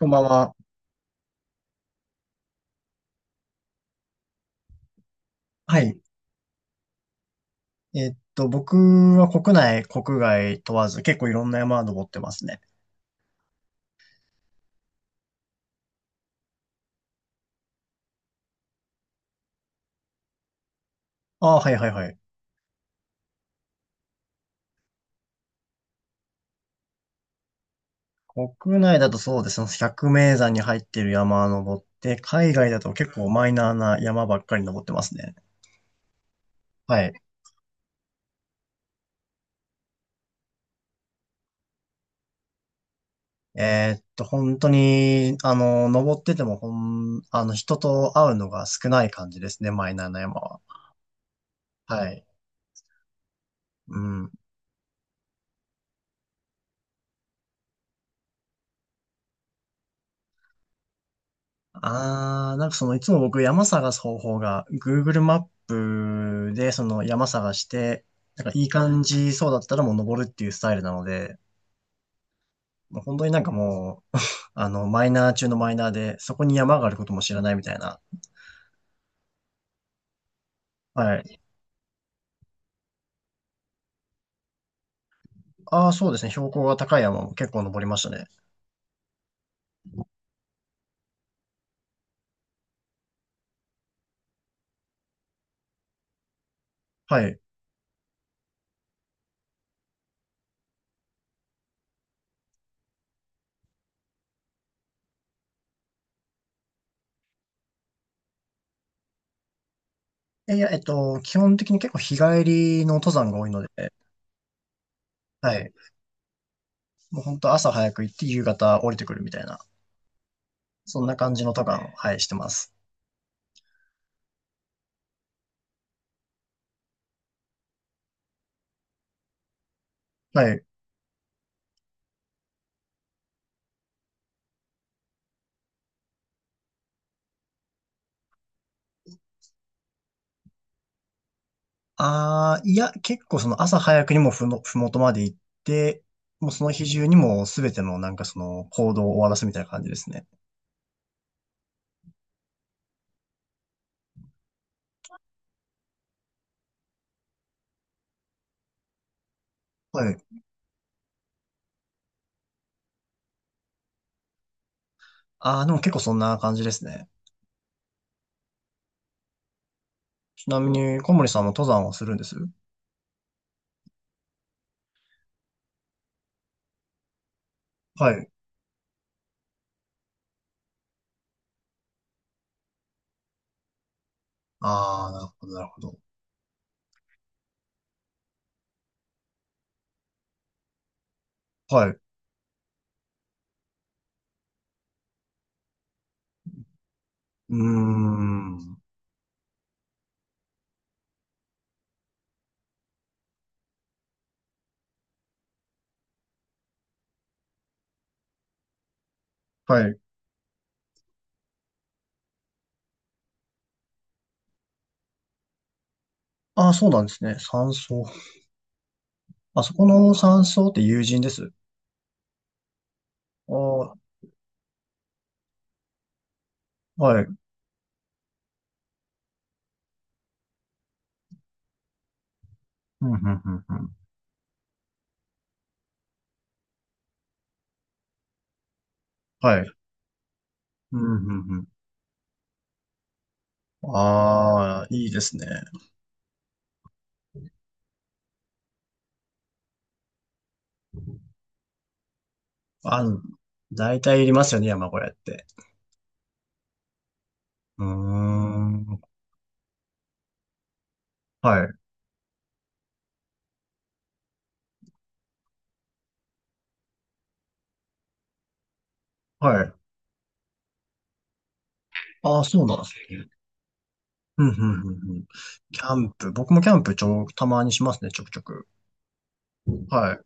こんばんは。はい。僕は国内、国外問わず結構いろんな山登ってますね。ああ、はいはいはい。国内だとそうですね。百名山に入ってる山登って、海外だと結構マイナーな山ばっかり登ってますね。はい。えっと、本当に、登ってても、ほん、あの、人と会うのが少ない感じですね、マイナーな山は。はい。うん。なんかそのいつも僕山探す方法が Google マップでその山探して、なんかいい感じそうだったらもう登るっていうスタイルなので、もう本当になんかもう、マイナー中のマイナーで、そこに山があることも知らないみたいな。はい。ああ、そうですね。標高が高い山も結構登りましたね。はい。えいや、えっと、基本的に結構日帰りの登山が多いので、はい。もう本当朝早く行って夕方降りてくるみたいな、そんな感じの登山を、はい、してます。はい。ああ、いや、結構その朝早くにもふもとまで行って、もうその日中にもすべてのなんかその行動を終わらすみたいな感じですね。はい。ああ、でも結構そんな感じですね。ちなみに小森さんも登山をするんです？はい。ああ、なるほど、なるほど。はい。うーん。はい。ああ、そうなんですね。山荘。あそこの山荘って友人です？ああ、はい。うん、うん、うん、うん。はい。うん、うん、うん。ああ、いいですね。あ、大体いりますよね、山小屋って。うーん。はい。はい。ああ、そうなんですね。うん、うん、うん、うん。キャンプ。僕もキャンプたまにしますね、ちょくちょく。はい。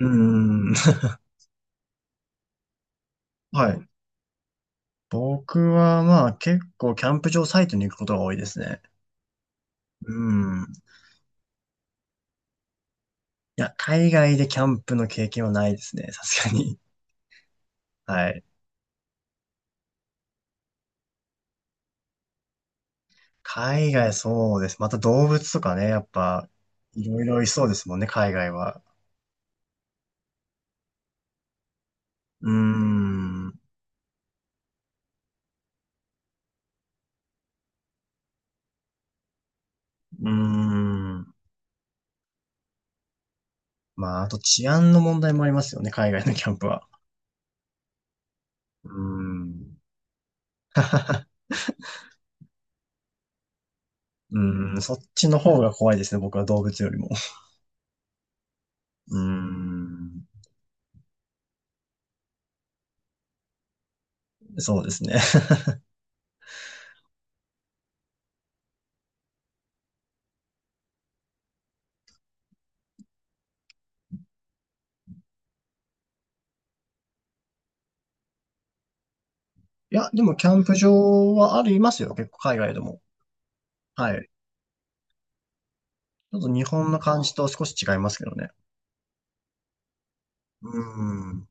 うーん。はい。僕はまあ結構キャンプ場サイトに行くことが多いですね。うん。いや、海外でキャンプの経験はないですね、さすがに。はい。海外そうです。また動物とかね、やっぱ、いろいろいそうですもんね、海外は。うーん。うーん。まあ、あと治安の問題もありますよね、海外のキャンプは。うーん。うーん、そっちの方が怖いですね、僕は動物よりも。うーん。そうですね。いや、でもキャンプ場はありますよ、結構海外でも。はい。ちょっと日本の感じと少し違いますけどね。うーん。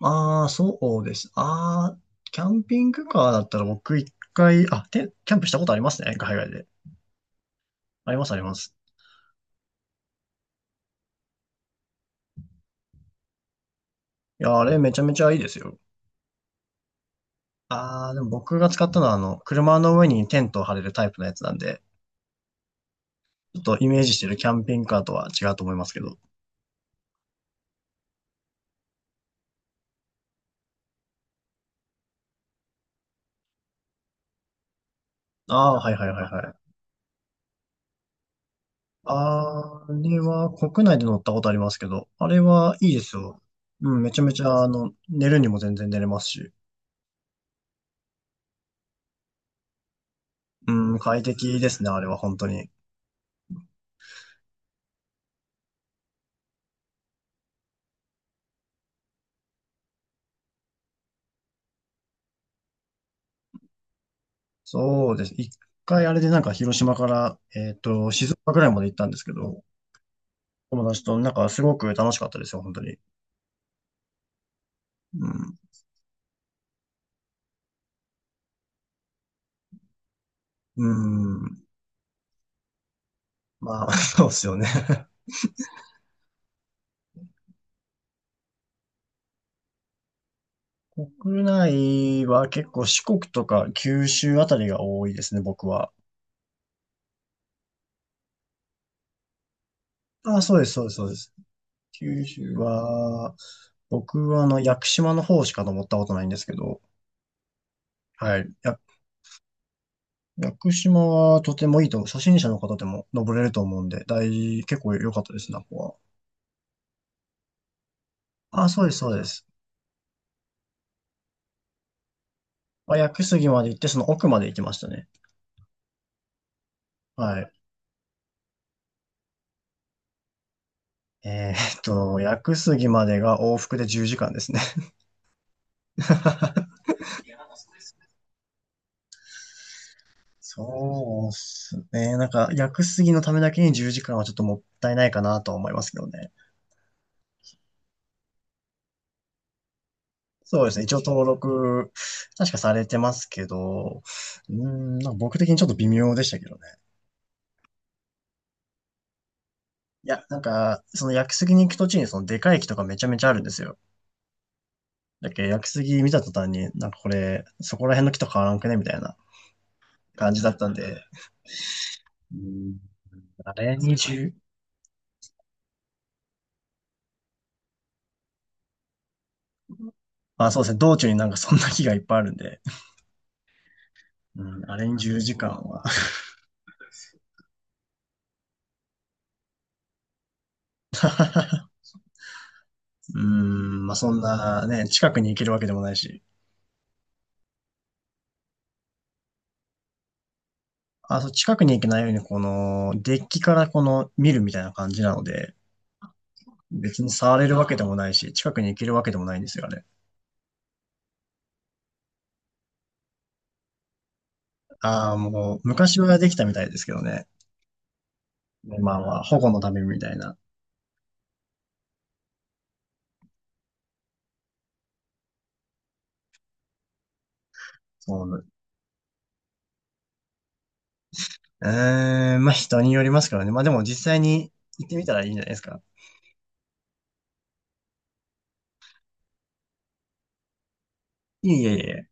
ああ、そうです。ああ、キャンピングカーだったら僕一回、キャンプしたことありますね、海外で。あります、あります。いや、あれめちゃめちゃいいですよ。ああ、でも僕が使ったのは、あの、車の上にテントを張れるタイプのやつなんで、ちょっとイメージしてるキャンピングカーとは違うと思いますけど。ああ、はいはいはいはい。あれは国内で乗ったことありますけど、あれはいいですよ。うん、めちゃめちゃ、寝るにも全然寝れますし、うん、快適ですね、あれは本当に。そうです。一回あれでなんか広島から、静岡ぐらいまで行ったんですけど、友達となんかすごく楽しかったですよ、本当に。うん、うん、まあ、そうですよね。国内は結構四国とか九州あたりが多いですね、僕は。あ、そうです、そうです、そうです。九州は、僕はあの、屋久島の方しか登ったことないんですけど、はい。屋久島はとてもいいと、初心者の方でも登れると思うんで、結構良かったですね、ここは。あ、そうです、そうです。まあ、屋久杉まで行って、その奥まで行きましたね。はい。屋久杉までが往復で10時間ですね。そうっすね。なんか、屋久杉のためだけに10時間はちょっともったいないかなとは思いますけどね。そうですね。一応登録、確かされてますけど、うーん、なんか僕的にちょっと微妙でしたけどね。いや、なんか、その屋久杉に行く途中にそのでかい木とかめちゃめちゃあるんですよ。だっけど屋久杉見た途端に、なんかこれ、そこら辺の木と変わらんくねみたいな感じだったんで、うん、あれに10、あ、そうですね。道中になんかそんな木がいっぱいあるんで、うん、あれに10時間は、うーん、まあ、そんなね、近くに行けるわけでもないし、あ、そう、近くに行けないように、この、デッキからこの、見るみたいな感じなので、別に触れるわけでもないし、近くに行けるわけでもないんですよ、あれ。ああ、もう、昔はできたみたいですけどね。まあまあ、保護のためみたいな。そうね。うーん、まあ人によりますからね。まあでも実際に行ってみたらいいんじゃないですか。いえいえいえ。